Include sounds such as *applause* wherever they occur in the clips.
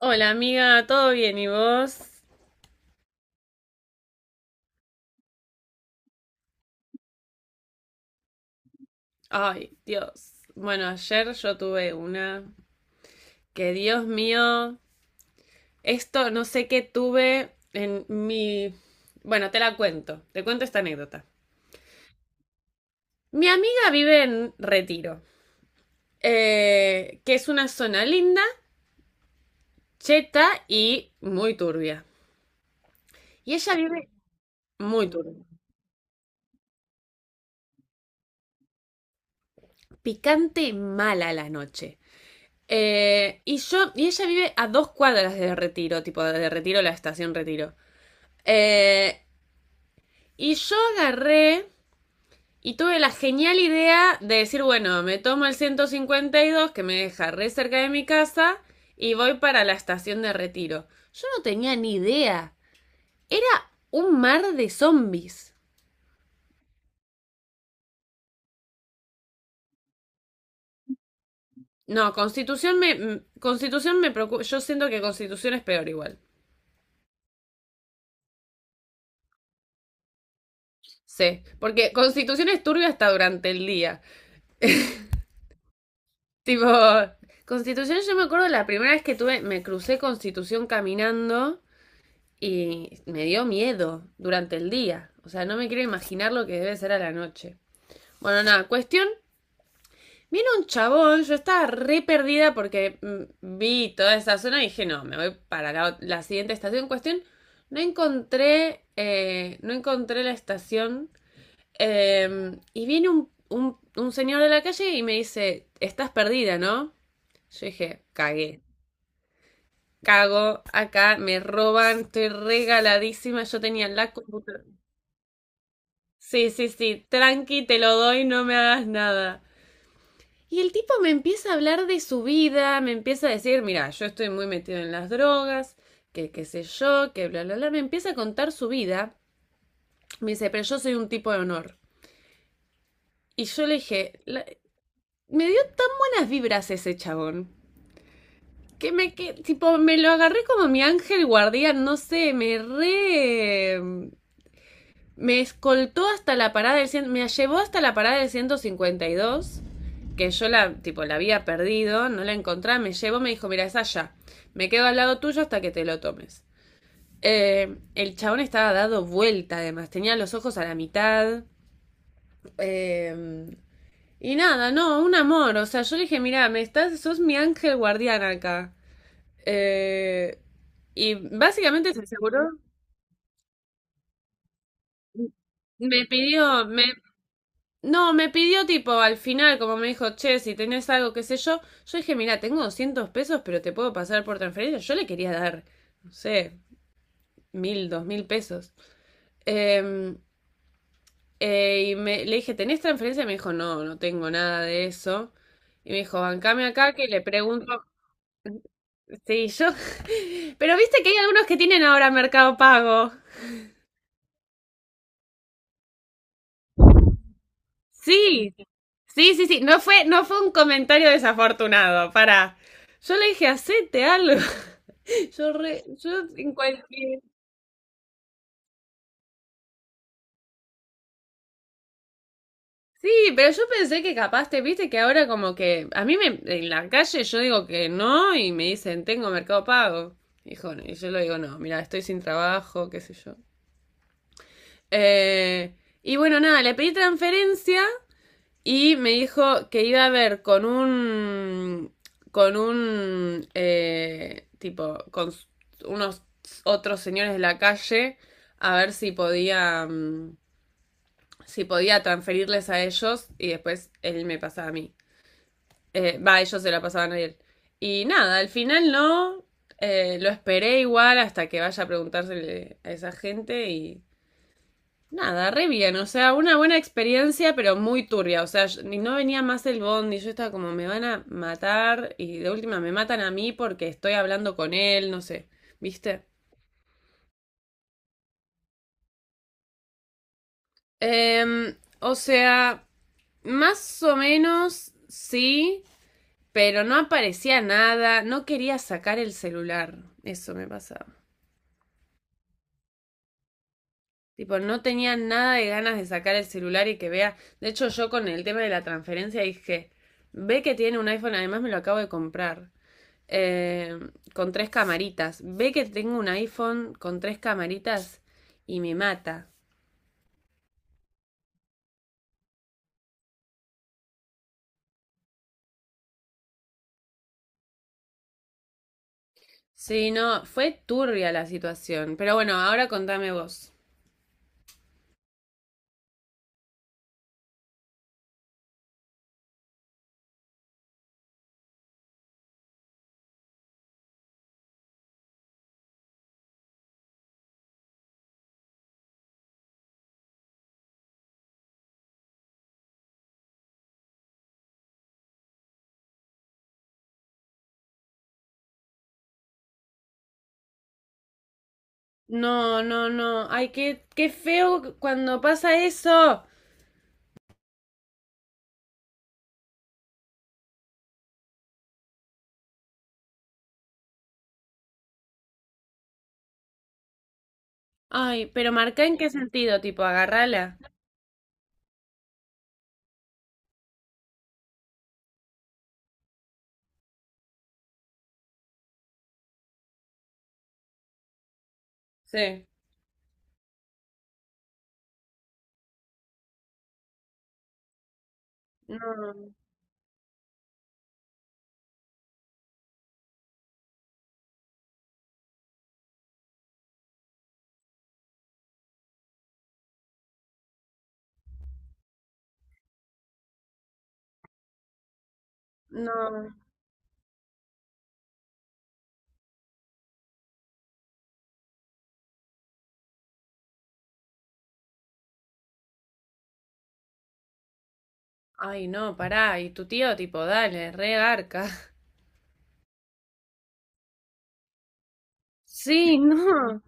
Hola amiga, ¿todo bien? ¿Y vos? Ay, Dios. Bueno, ayer yo tuve una que, Dios mío, esto no sé qué tuve en mi... Bueno, te cuento esta anécdota. Mi amiga vive en Retiro, que es una zona linda, cheta y muy turbia. Y ella vive muy turbia, picante mala a la noche. Y ella vive a dos cuadras de Retiro, tipo de Retiro, la estación Retiro. Eh, y yo agarré y tuve la genial idea de decir, bueno, me tomo el 152 que me deja re cerca de mi casa y voy para la estación de Retiro. Yo no tenía ni idea. Era un mar de zombies. No, Constitución me. Constitución me preocupa. Yo siento que Constitución es peor igual. Sí. Porque Constitución es turbia hasta durante el día. Tipo. Constitución, yo me acuerdo la primera vez que tuve. Me crucé Constitución caminando. Y me dio miedo durante el día. O sea, no me quiero imaginar lo que debe ser a la noche. Bueno, nada, cuestión. Viene un chabón, yo estaba re perdida porque vi toda esa zona y dije, no, me voy para la siguiente estación. Cuestión, no encontré la estación. Y viene un señor de la calle y me dice, estás perdida, ¿no? Yo dije, cagué. Cago, acá me roban, estoy regaladísima. Yo tenía la computadora. Sí, sí, sí, tranqui, te lo doy, no me hagas nada. Y el tipo me empieza a hablar de su vida, me empieza a decir, mira, yo estoy muy metido en las drogas, que qué sé yo, que bla, bla, bla, me empieza a contar su vida. Me dice, pero yo soy un tipo de honor. Y yo le dije, me dio tan buenas vibras ese chabón, que tipo, me lo agarré como mi ángel guardián, no sé, me re... Me escoltó hasta la parada del... Me llevó hasta la parada del 152, que yo la, tipo, la había perdido, no la encontraba, me llevó, me dijo, mira, es allá. Me quedo al lado tuyo hasta que te lo tomes. El chabón estaba dado vuelta, además, tenía los ojos a la mitad. Eh, y nada, no, un amor. O sea, yo le dije, mira, me estás, sos mi ángel guardián acá. Eh, y básicamente se aseguró. Me pidió, me, No, me pidió tipo al final, como me dijo, che, si tenés algo, qué sé yo. Yo dije, mira, tengo 200 pesos, pero te puedo pasar por transferencia. Yo le quería dar, no sé, 1000, 2000 pesos. Em, y le dije, ¿tenés transferencia? Y me dijo, no, no tengo nada de eso. Y me dijo, bancame acá que le pregunto. Sí, yo. *laughs* Pero viste que hay algunos que tienen ahora Mercado Pago. Sí, sí, sí, sí. No fue un comentario desafortunado. Para. Yo le dije, hacete algo. *laughs* Yo en cualquier... Sí, pero yo pensé que capaz te viste que ahora como que a mí me, en la calle yo digo que no y me dicen tengo Mercado Pago. Hijo, y yo le digo no, mira, estoy sin trabajo, qué sé yo. Eh, y bueno, nada, le pedí transferencia y me dijo que iba a ver con un con un eh, tipo con s- unos otros señores de la calle a ver si podía transferirles a ellos y después él me pasaba a mí. Ellos se la pasaban a él. Y nada, al final no. Lo esperé igual hasta que vaya a preguntársele a esa gente y nada, re bien. O sea, una buena experiencia, pero muy turbia. O sea, ni no venía más el bondi. Yo estaba como, me van a matar y de última me matan a mí porque estoy hablando con él, no sé. ¿Viste? O sea, más o menos sí. Pero no aparecía nada, no quería sacar el celular. Eso me pasaba. Tipo, no tenía nada de ganas de sacar el celular y que vea. De hecho, yo con el tema de la transferencia dije, ve que tiene un iPhone, además me lo acabo de comprar. eh, con tres camaritas. Ve que tengo un iPhone con tres camaritas y me mata. Sí, no, fue turbia la situación. Pero bueno, ahora contame vos. No, no, no. Ay, qué feo cuando pasa eso. Ay, pero marca en qué sentido, tipo, agárrala. Sí. No, no. Ay, no, pará. Y tu tío, tipo, dale, re garca. Sí, *laughs* no.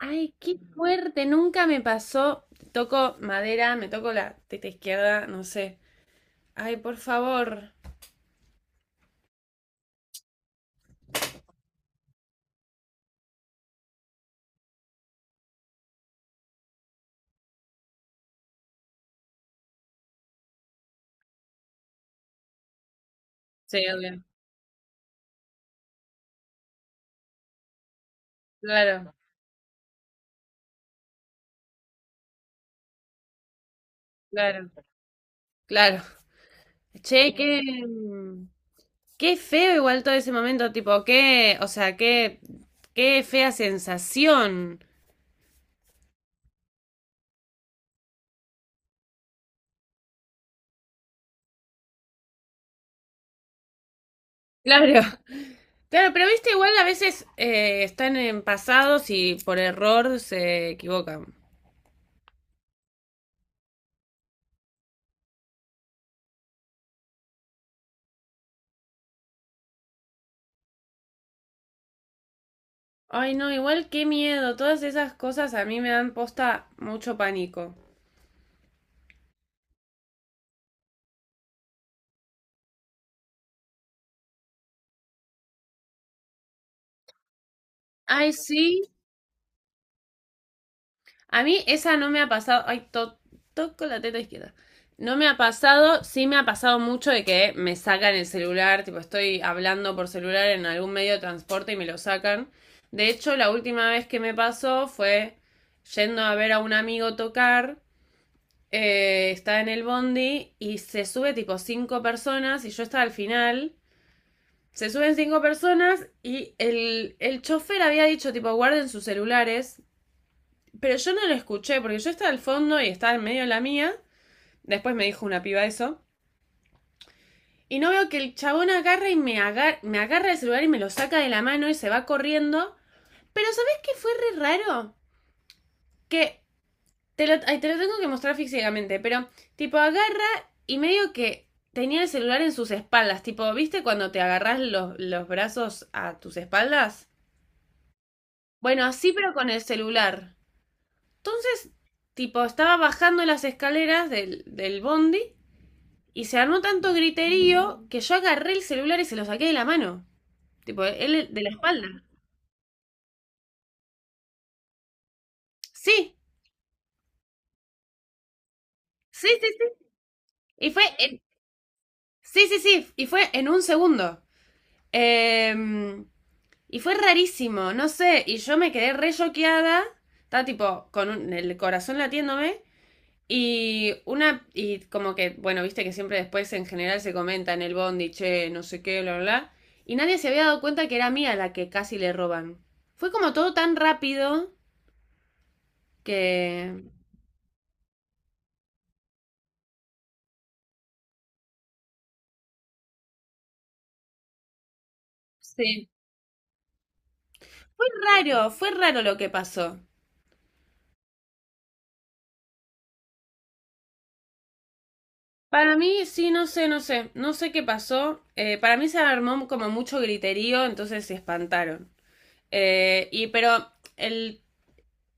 Ay, qué fuerte. Nunca me pasó. Toco madera, me toco la teta izquierda, no sé. Ay, por favor. Sí, obvio. Claro, claro, claro. Che, qué feo igual todo ese momento, tipo, qué, o sea, qué, qué fea sensación. Claro. Claro, pero viste, igual a veces están en pasados y por error se equivocan. Ay, no, igual qué miedo. Todas esas cosas a mí me dan posta mucho pánico. Ay, sí. A mí esa no me ha pasado. Ay, toco la teta izquierda. No me ha pasado, sí me ha pasado mucho de que me sacan el celular, tipo estoy hablando por celular en algún medio de transporte y me lo sacan. De hecho, la última vez que me pasó fue yendo a ver a un amigo tocar. Está en el bondi y se sube tipo cinco personas y yo estaba al final. Se suben cinco personas y el chofer había dicho tipo guarden sus celulares, pero yo no lo escuché porque yo estaba al fondo y estaba en medio de la mía. Después me dijo una piba eso. Y no veo que el chabón agarra y me agarra el celular y me lo saca de la mano y se va corriendo. Pero ¿sabés qué fue re raro? Que... Ay, te lo tengo que mostrar físicamente, pero tipo agarra y medio que tenía el celular en sus espaldas, tipo, ¿viste cuando te agarras los brazos a tus espaldas? Bueno, así pero con el celular. Entonces, tipo, estaba bajando las escaleras del bondi y se armó tanto griterío que yo agarré el celular y se lo saqué de la mano. Tipo, él de la espalda. Sí, sí, sí, sí. Y fue, en- sí, sí, sí. Y fue en un segundo. Em, Y fue rarísimo, no sé, y yo me quedé re choqueada, estaba tipo con el corazón latiéndome y una y como que, bueno, viste que siempre después en general se comenta en el bondi, che, no sé qué, bla, bla, bla, y nadie se había dado cuenta que era mía la que casi le roban. Fue como todo tan rápido que... Sí. Fue raro lo que pasó. Para mí, sí, no sé qué pasó. Para mí se armó como mucho griterío, entonces se espantaron. Y pero el,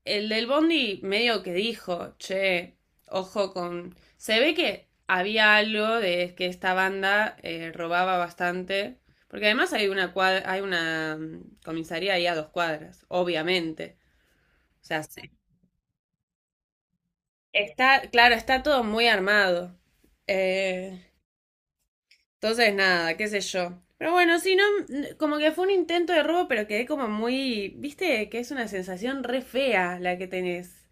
el del Bondi medio que dijo, che, ojo con... Se ve que había algo de que esta banda robaba bastante, porque además hay una comisaría ahí a dos cuadras, obviamente. O sea, está, claro, está todo muy armado. Eh, entonces, nada, qué sé yo. Pero bueno, sí no, como que fue un intento de robo, pero quedé como muy, viste, que es una sensación re fea la que tenés.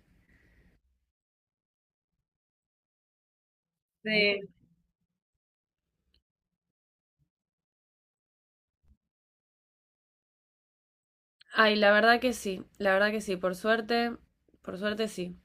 Sí. Ay, la verdad que sí, la verdad que sí, por suerte sí.